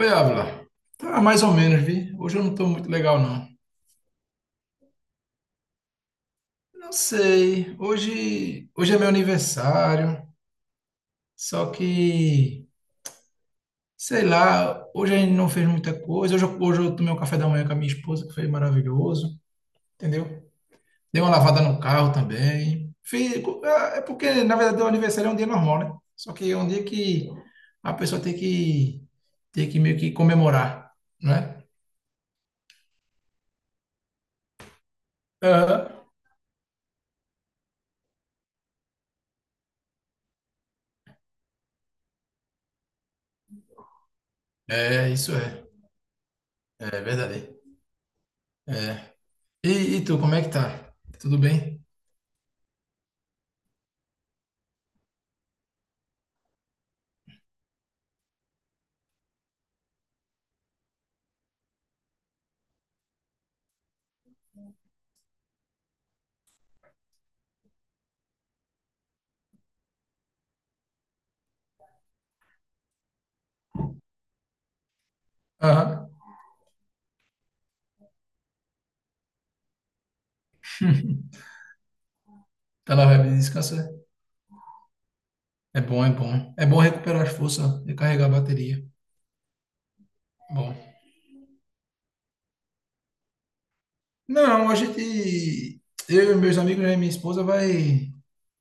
Oi, Ávila. Tá mais ou menos, vi. Hoje eu não tô muito legal, não. Não sei. Hoje é meu aniversário. Só que, sei lá, hoje a gente não fez muita coisa. Hoje, hoje eu tomei um café da manhã com a minha esposa, que foi maravilhoso, entendeu? Dei uma lavada no carro também. Fiz, é porque, na verdade, o aniversário é um dia normal, né? Só que é um dia que a pessoa tem que meio que comemorar, né? Aham. É, isso é. É verdade. É. E tu, como é que tá? Tudo bem? Aham. Tá na vibe de descansar? É bom, é bom. É bom recuperar as forças, recarregar a bateria. Bom. Não, a gente, eu e meus amigos né, e minha esposa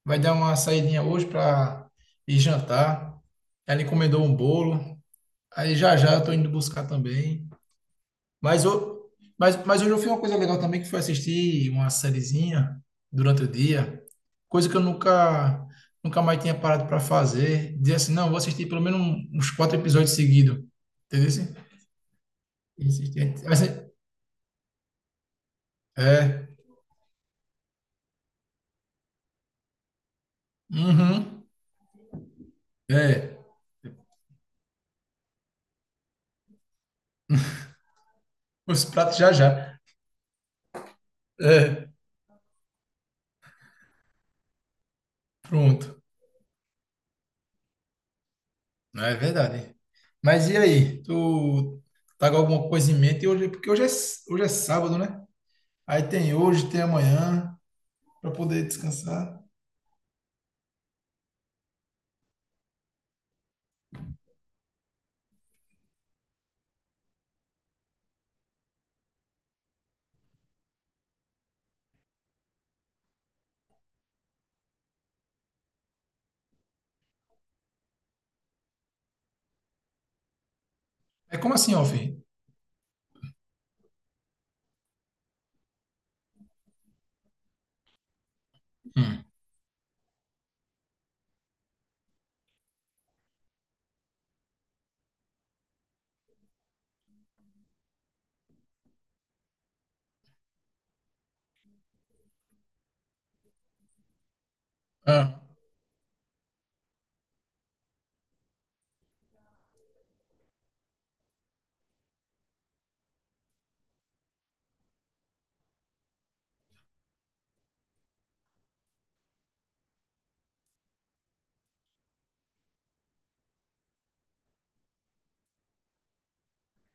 vai dar uma saidinha hoje pra ir jantar. Ela encomendou um bolo. Aí já já eu tô indo buscar também. Mas, o- mas hoje eu fiz uma coisa legal também, que foi assistir uma sériezinha durante o dia, coisa que eu nunca mais tinha parado para fazer. Dizer assim, não, vou assistir pelo menos uns quatro episódios seguidos. Entendeu? Assim? Assim, é. Uhum. É. Os pratos já já. É. Pronto. Não, é verdade. Mas e aí? Tu tá com alguma coisa em mente hoje? Porque hoje é, hoje é sábado, né? Aí tem hoje, tem amanhã, para poder descansar. É como assim, Alfim? Hum. Ah,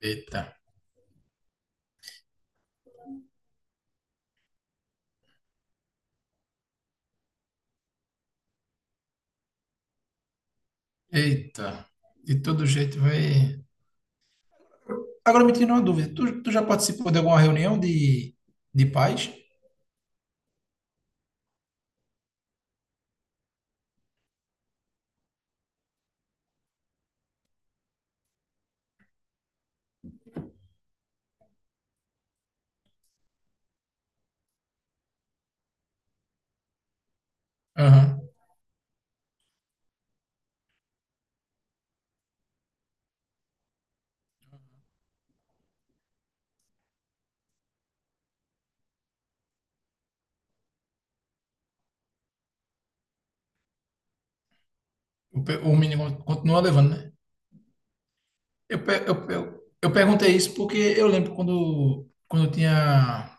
eita, eita. De todo jeito vai. Agora me tira uma dúvida. Tu já participou de alguma reunião de pais? Aham. O, o menino continua levando, né? Eu, eu perguntei isso porque eu lembro quando, quando eu tinha.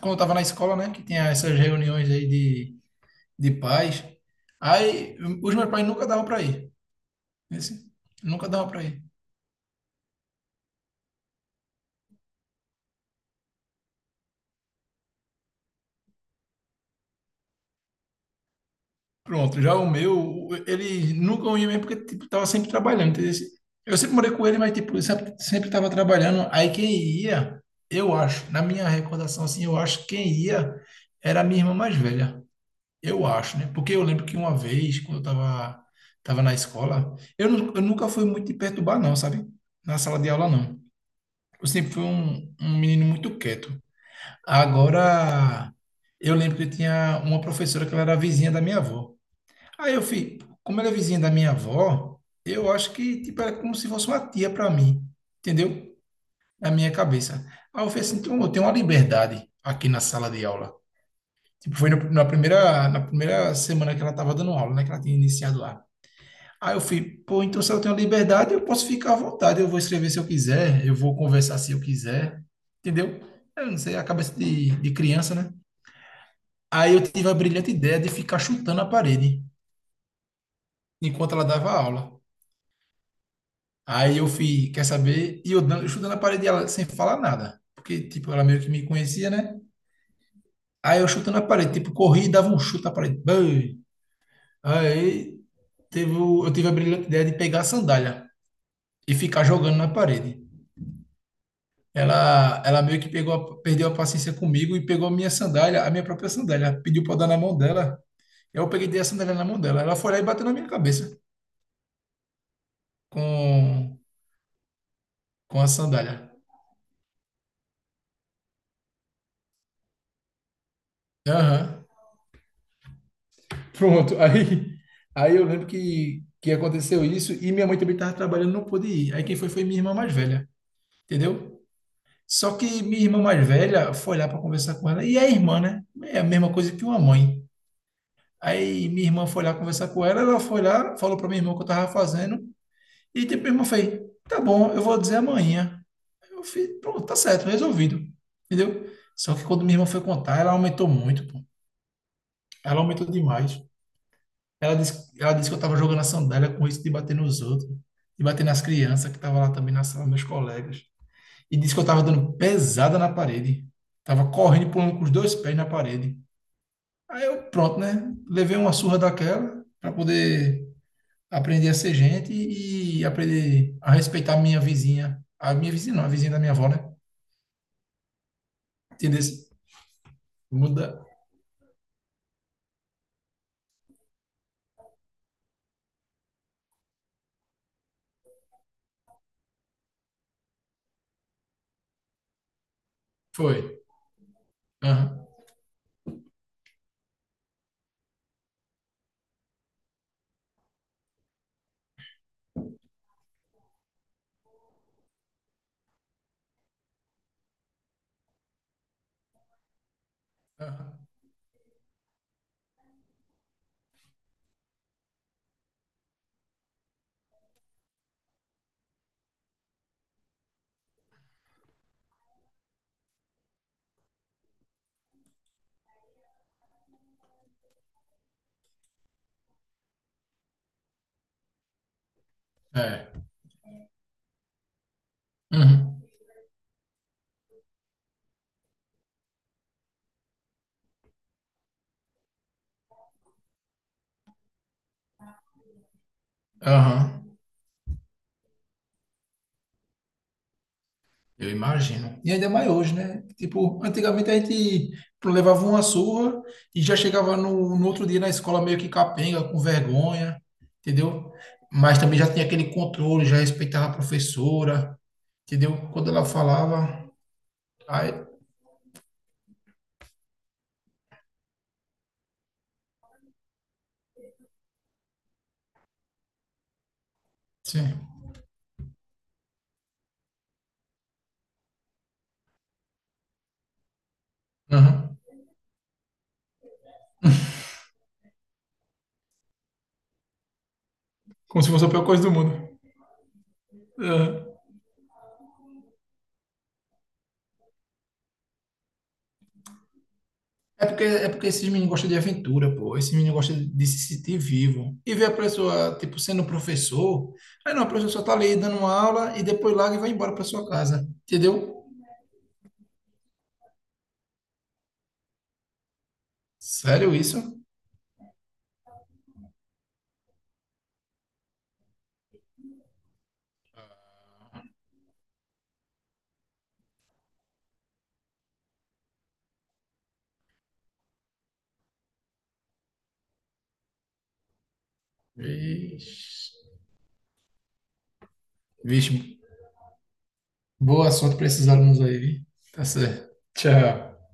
Quando eu tava na escola, né? Que tinha essas reuniões aí de pais. Aí os meus pais nunca davam para ir. Esse- nunca davam para ir. Pronto, já o meu, ele nunca ia mesmo porque tipo, tava sempre trabalhando. Entendeu? Eu sempre morei com ele, mas tipo, ele sempre tava trabalhando. Aí quem ia, eu acho, na minha recordação assim, eu acho que quem ia era a minha irmã mais velha. Eu acho, né? Porque eu lembro que uma vez, quando eu tava na escola, eu, eu nunca fui muito de perturbar, não, sabe? Na sala de aula, não. Eu sempre fui um menino muito quieto. Agora, eu lembro que tinha uma professora que ela era vizinha da minha avó. Aí eu fui, como ela é vizinha da minha avó, eu acho que tipo, era como se fosse uma tia para mim, entendeu? Na minha cabeça. Aí eu falei assim, então eu tenho uma liberdade aqui na sala de aula. Tipo, foi na primeira semana que ela estava dando aula, né? Que ela tinha iniciado lá. Aí eu fui, pô, então se eu tenho liberdade, eu posso ficar à vontade, eu vou escrever se eu quiser, eu vou conversar se eu quiser, entendeu? Eu não sei, a cabeça de criança, né? Aí eu tive a brilhante ideia de ficar chutando a parede enquanto ela dava aula. Aí eu fui, quer saber? E eu dando, chutando a parede dela sem falar nada. Porque, tipo, ela meio que me conhecia, né? Aí eu chutando a parede, tipo, corri e dava um chute na parede. Bam! Aí teve, eu tive a brilhante ideia de pegar a sandália e ficar jogando na parede. Ela meio que pegou, perdeu a paciência comigo e pegou a minha sandália, a minha própria sandália. Pediu pra eu dar na mão dela. Eu peguei e dei a sandália na mão dela. Ela foi lá e bateu na minha cabeça com, com a sandália. Aham. Pronto. Aí eu lembro que aconteceu isso e minha mãe também estava trabalhando, não pôde ir. Aí quem foi foi minha irmã mais velha, entendeu? Só que minha irmã mais velha foi lá para conversar com ela. E é irmã, né? É a mesma coisa que uma mãe. Aí minha irmã foi lá conversar com ela, ela foi lá, falou para minha irmã o que eu estava fazendo. E depois minha irmã fez, tá bom, eu vou dizer amanhã. Eu fiz, pronto, tá certo, resolvido. Entendeu? Só que quando minha irmã foi contar, ela aumentou muito, pô. Ela aumentou demais. Ela disse que eu tava jogando a sandália com risco de bater nos outros, de bater nas crianças que estavam lá também na sala, meus colegas. E disse que eu tava dando pesada na parede. Tava correndo e pulando com os dois pés na parede. Aí eu, pronto, né? Levei uma surra daquela para poder aprender a ser gente e aprender a respeitar a minha vizinha. A minha vizinha não, a vizinha da minha avó, né? Entendeu? Muda. Foi. Aham. Aham. É. Uhum. Aham. Eu imagino. E ainda mais hoje, né? Tipo, antigamente a gente levava uma surra e já chegava no outro dia na escola meio que capenga, com vergonha, entendeu? Mas também já tinha aquele controle, já respeitava a professora, entendeu? Quando ela falava, aí, sim, aham. Como se fosse a pior coisa do mundo. Aham. É porque esses meninos gostam de aventura, pô. Esses meninos gostam de se sentir vivo. E ver a pessoa, tipo, sendo professor. Aí não, a pessoa só tá ali dando uma aula e depois larga e vai embora pra sua casa. Entendeu? Sério isso? Vixe. Vixe. Boa sorte pra esses alunos aí, viu? Tá certo. Tchau.